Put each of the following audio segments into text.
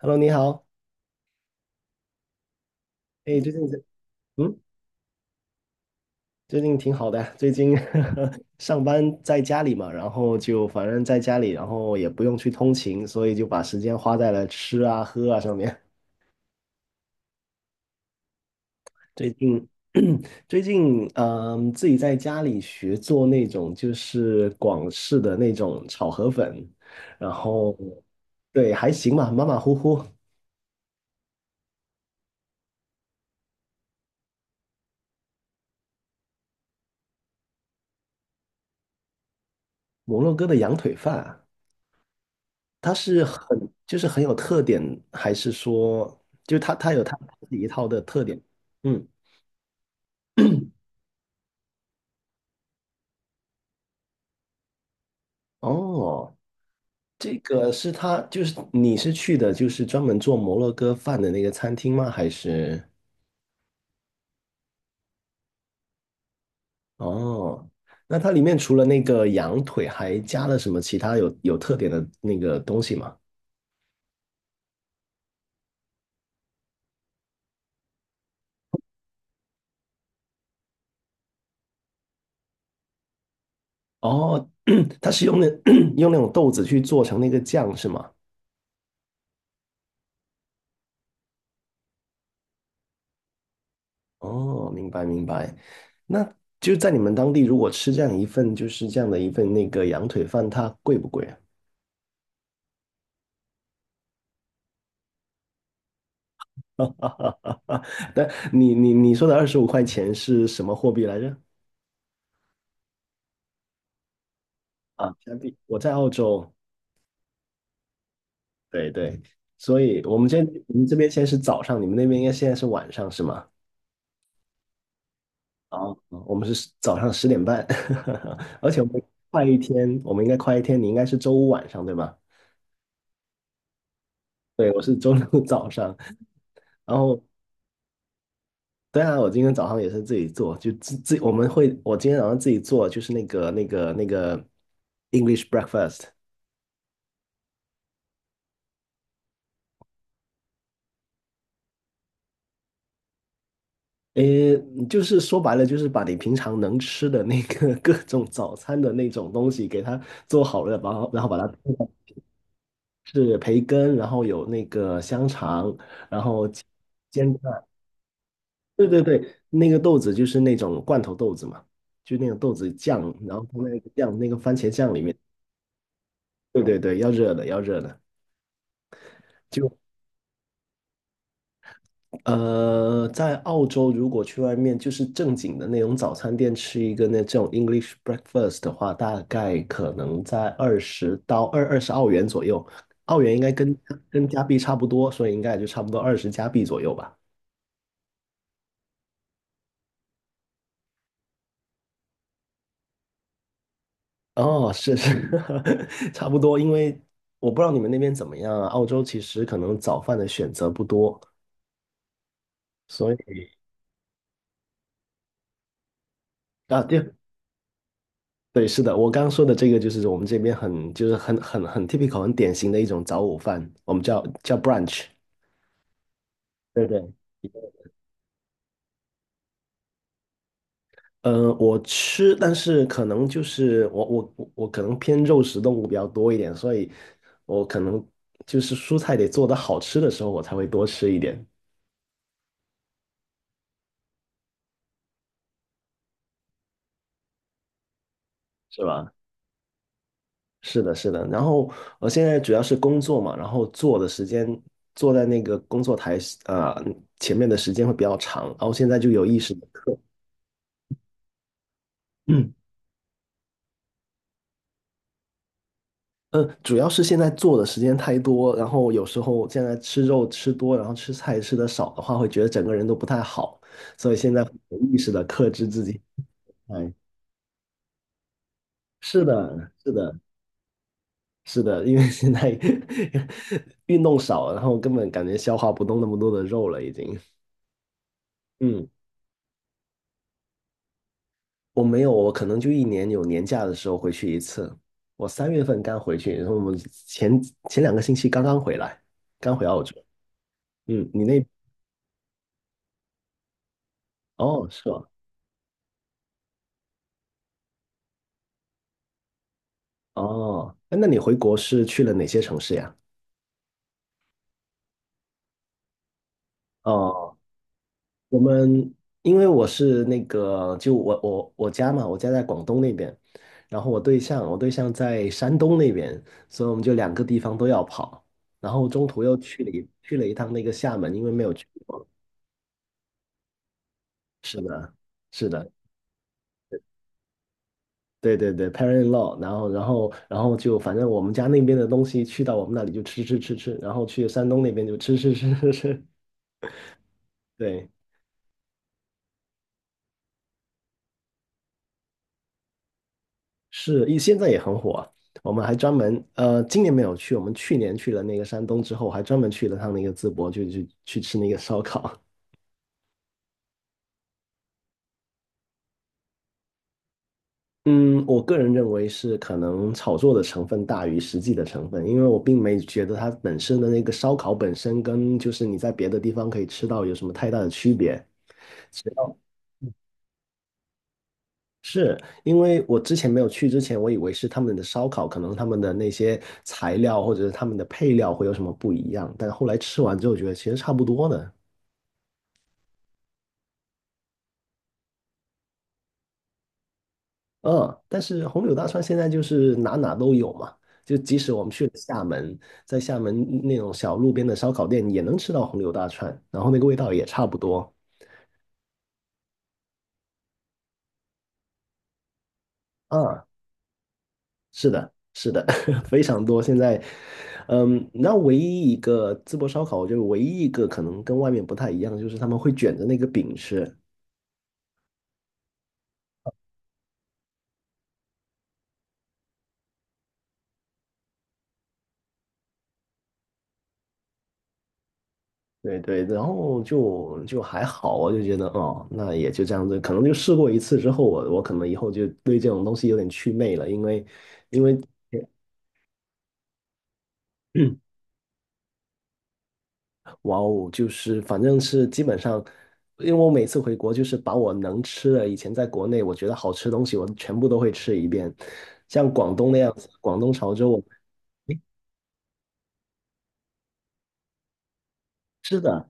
Hello，你好。哎，嗯，最近挺好的。最近 上班在家里嘛，然后就反正在家里，然后也不用去通勤，所以就把时间花在了吃啊、喝啊上面。最近 最近自己在家里学做那种就是广式的那种炒河粉，然后对，还行吧，马马虎虎。摩洛哥的羊腿饭啊，它是很就是很有特点，还是说就是它有它自己一套的特点？嗯。哦，这个是它就是你是去的就是专门做摩洛哥饭的那个餐厅吗？哦，那它里面除了那个羊腿，还加了什么其他有特点的那个东西吗？哦，它是用那 用那种豆子去做成那个酱是吗？哦，明白明白。那就在你们当地，如果吃这样一份，就是这样的一份那个羊腿饭，它贵不贵啊？但你说的25块钱是什么货币来着？啊，加币。我在澳洲，对对。所以我们这边现在是早上，你们那边应该现在是晚上是吗？啊，我们是早上10点半。而且我们快一天，我们应该快一天，你应该是周五晚上对吧？对，我是周六早上，然后对啊，我今天早上也是自己做，就自自我们会，我今天早上自己做，就是那个 English breakfast。诶，就是说白了，就是把你平常能吃的那个 各种早餐的那种东西给它做好了，然后是培根，然后有那个香肠，然后煎蛋。对对对，那个豆子就是那种罐头豆子嘛，就那种豆子酱，然后放在那个酱那个番茄酱里面。对对对，要热的要热的。就。在澳洲，如果去外面就是正经的那种早餐店吃一个那这种 English breakfast 的话，大概可能在二十到二十澳元左右，澳元应该跟加币差不多，所以应该也就差不多20加币左右吧。哦，是是，差不多。因为我不知道你们那边怎么样啊，澳洲其实可能早饭的选择不多，所以啊，对，对，是的，我刚刚说的这个就是我们这边就是很 typical， 很典型的一种早午饭，我们叫 brunch。对对。我吃，但是可能就是我可能偏肉食动物比较多一点，所以我可能就是蔬菜得做的好吃的时候，我才会多吃一点，是吧？是的，是的。然后我现在主要是工作嘛，然后坐的时间坐在那个工作台呃前面的时间会比较长，然后现在就有意识的，课。嗯，主要是现在做的时间太多，然后有时候现在吃肉吃多，然后吃菜吃的少的话，会觉得整个人都不太好，所以现在会有意识的克制自己。哎，是的，是的，是的，因为现在 运动少了然后根本感觉消化不动那么多的肉了，已经。嗯，我没有，我可能就一年有年假的时候回去一次。我3月份刚回去，然后我们前前2个星期刚刚回来，刚回澳洲。嗯，哦，是吧？哦，哎那你回国是去了哪些城市呀？哦，我们因为我是那个，就我家嘛，我家在广东那边，然后我对象在山东那边，所以我们就两个地方都要跑，然后中途又去了一趟那个厦门，因为没有去过。是的，是的，对对对，parent-in-law，然后就反正我们家那边的东西去到我们那里就吃吃吃吃，然后去山东那边就吃吃吃吃吃，对。是，现在也很火啊。我们还专门，今年没有去，我们去年去了那个山东之后，还专门去了趟那个淄博，就去吃那个烧烤。嗯，我个人认为是可能炒作的成分大于实际的成分，因为我并没觉得它本身的那个烧烤本身跟就是你在别的地方可以吃到有什么太大的区别。是，因为我之前没有去之前，我以为是他们的烧烤，可能他们的那些材料或者是他们的配料会有什么不一样，但后来吃完之后觉得其实差不多的。嗯，但是红柳大串现在就是哪哪都有嘛，就即使我们去了厦门，在厦门那种小路边的烧烤店也能吃到红柳大串，然后那个味道也差不多。啊，是的，是的，非常多。现在，那唯一一个淄博烧烤，就觉得唯一一个可能跟外面不太一样，就是他们会卷着那个饼吃，对对，然后就还好，我就觉得哦，那也就这样子，可能就试过一次之后，我可能以后就对这种东西有点祛魅了。因为因为嗯哇哦，就是反正是基本上，因为我每次回国就是把我能吃的，以前在国内我觉得好吃的东西，我全部都会吃一遍。像广东那样子，广东潮州。是的。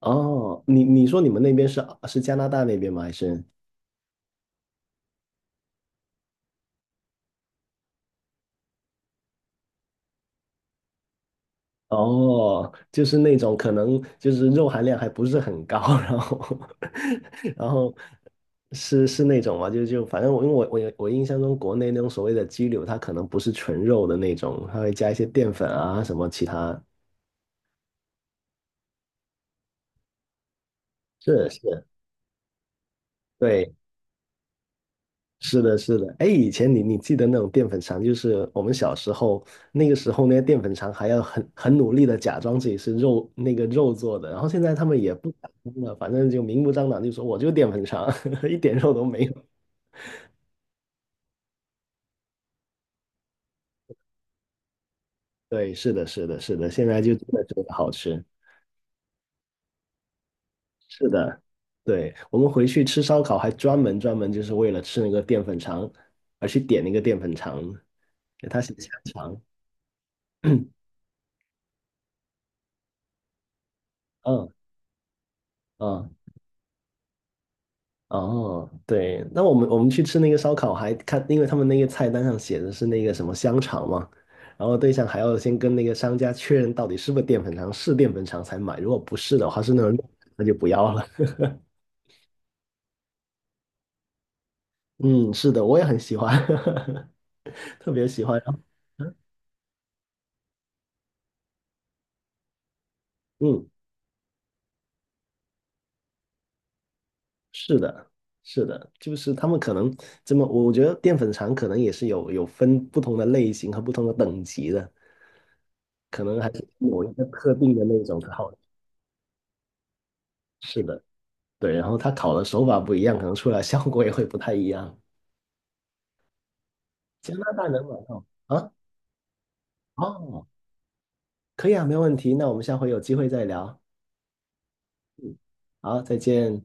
哦，你说你们那边是加拿大那边吗？还是？哦，就是那种可能就是肉含量还不是很高，然后 然后是那种嘛，就反正我，因为我印象中国内那种所谓的鸡柳，它可能不是纯肉的那种，它会加一些淀粉啊什么其他。是是，对，是的，是的。哎，以前你记得那种淀粉肠，就是我们小时候那个时候，那些淀粉肠还要很努力的假装自己是肉那个肉做的，然后现在他们也不敢了，反正就明目张胆就说我就淀粉肠，一点肉都没有。对，是的，是的，是的，现在就真的觉得好吃。是的。对，我们回去吃烧烤还专门就是为了吃那个淀粉肠而去点那个淀粉肠，给它写香肠。嗯嗯。哦，对，那我们去吃那个烧烤，还看，因为他们那个菜单上写的是那个什么香肠嘛，然后对象还要先跟那个商家确认到底是不是淀粉肠，是淀粉肠才买，如果不是的话，是那种肉那就不要了。嗯，是的，我也很喜欢，特别喜欢。嗯，是的，是的，就是他们可能这么，我觉得淀粉肠可能也是有分不同的类型和不同的等级的，可能还是某一个特定的那种才好。是的。对，然后它烤的手法不一样，可能出来效果也会不太一样。加拿大能买到啊？哦，可以啊，没问题。那我们下回有机会再聊。嗯，好，再见。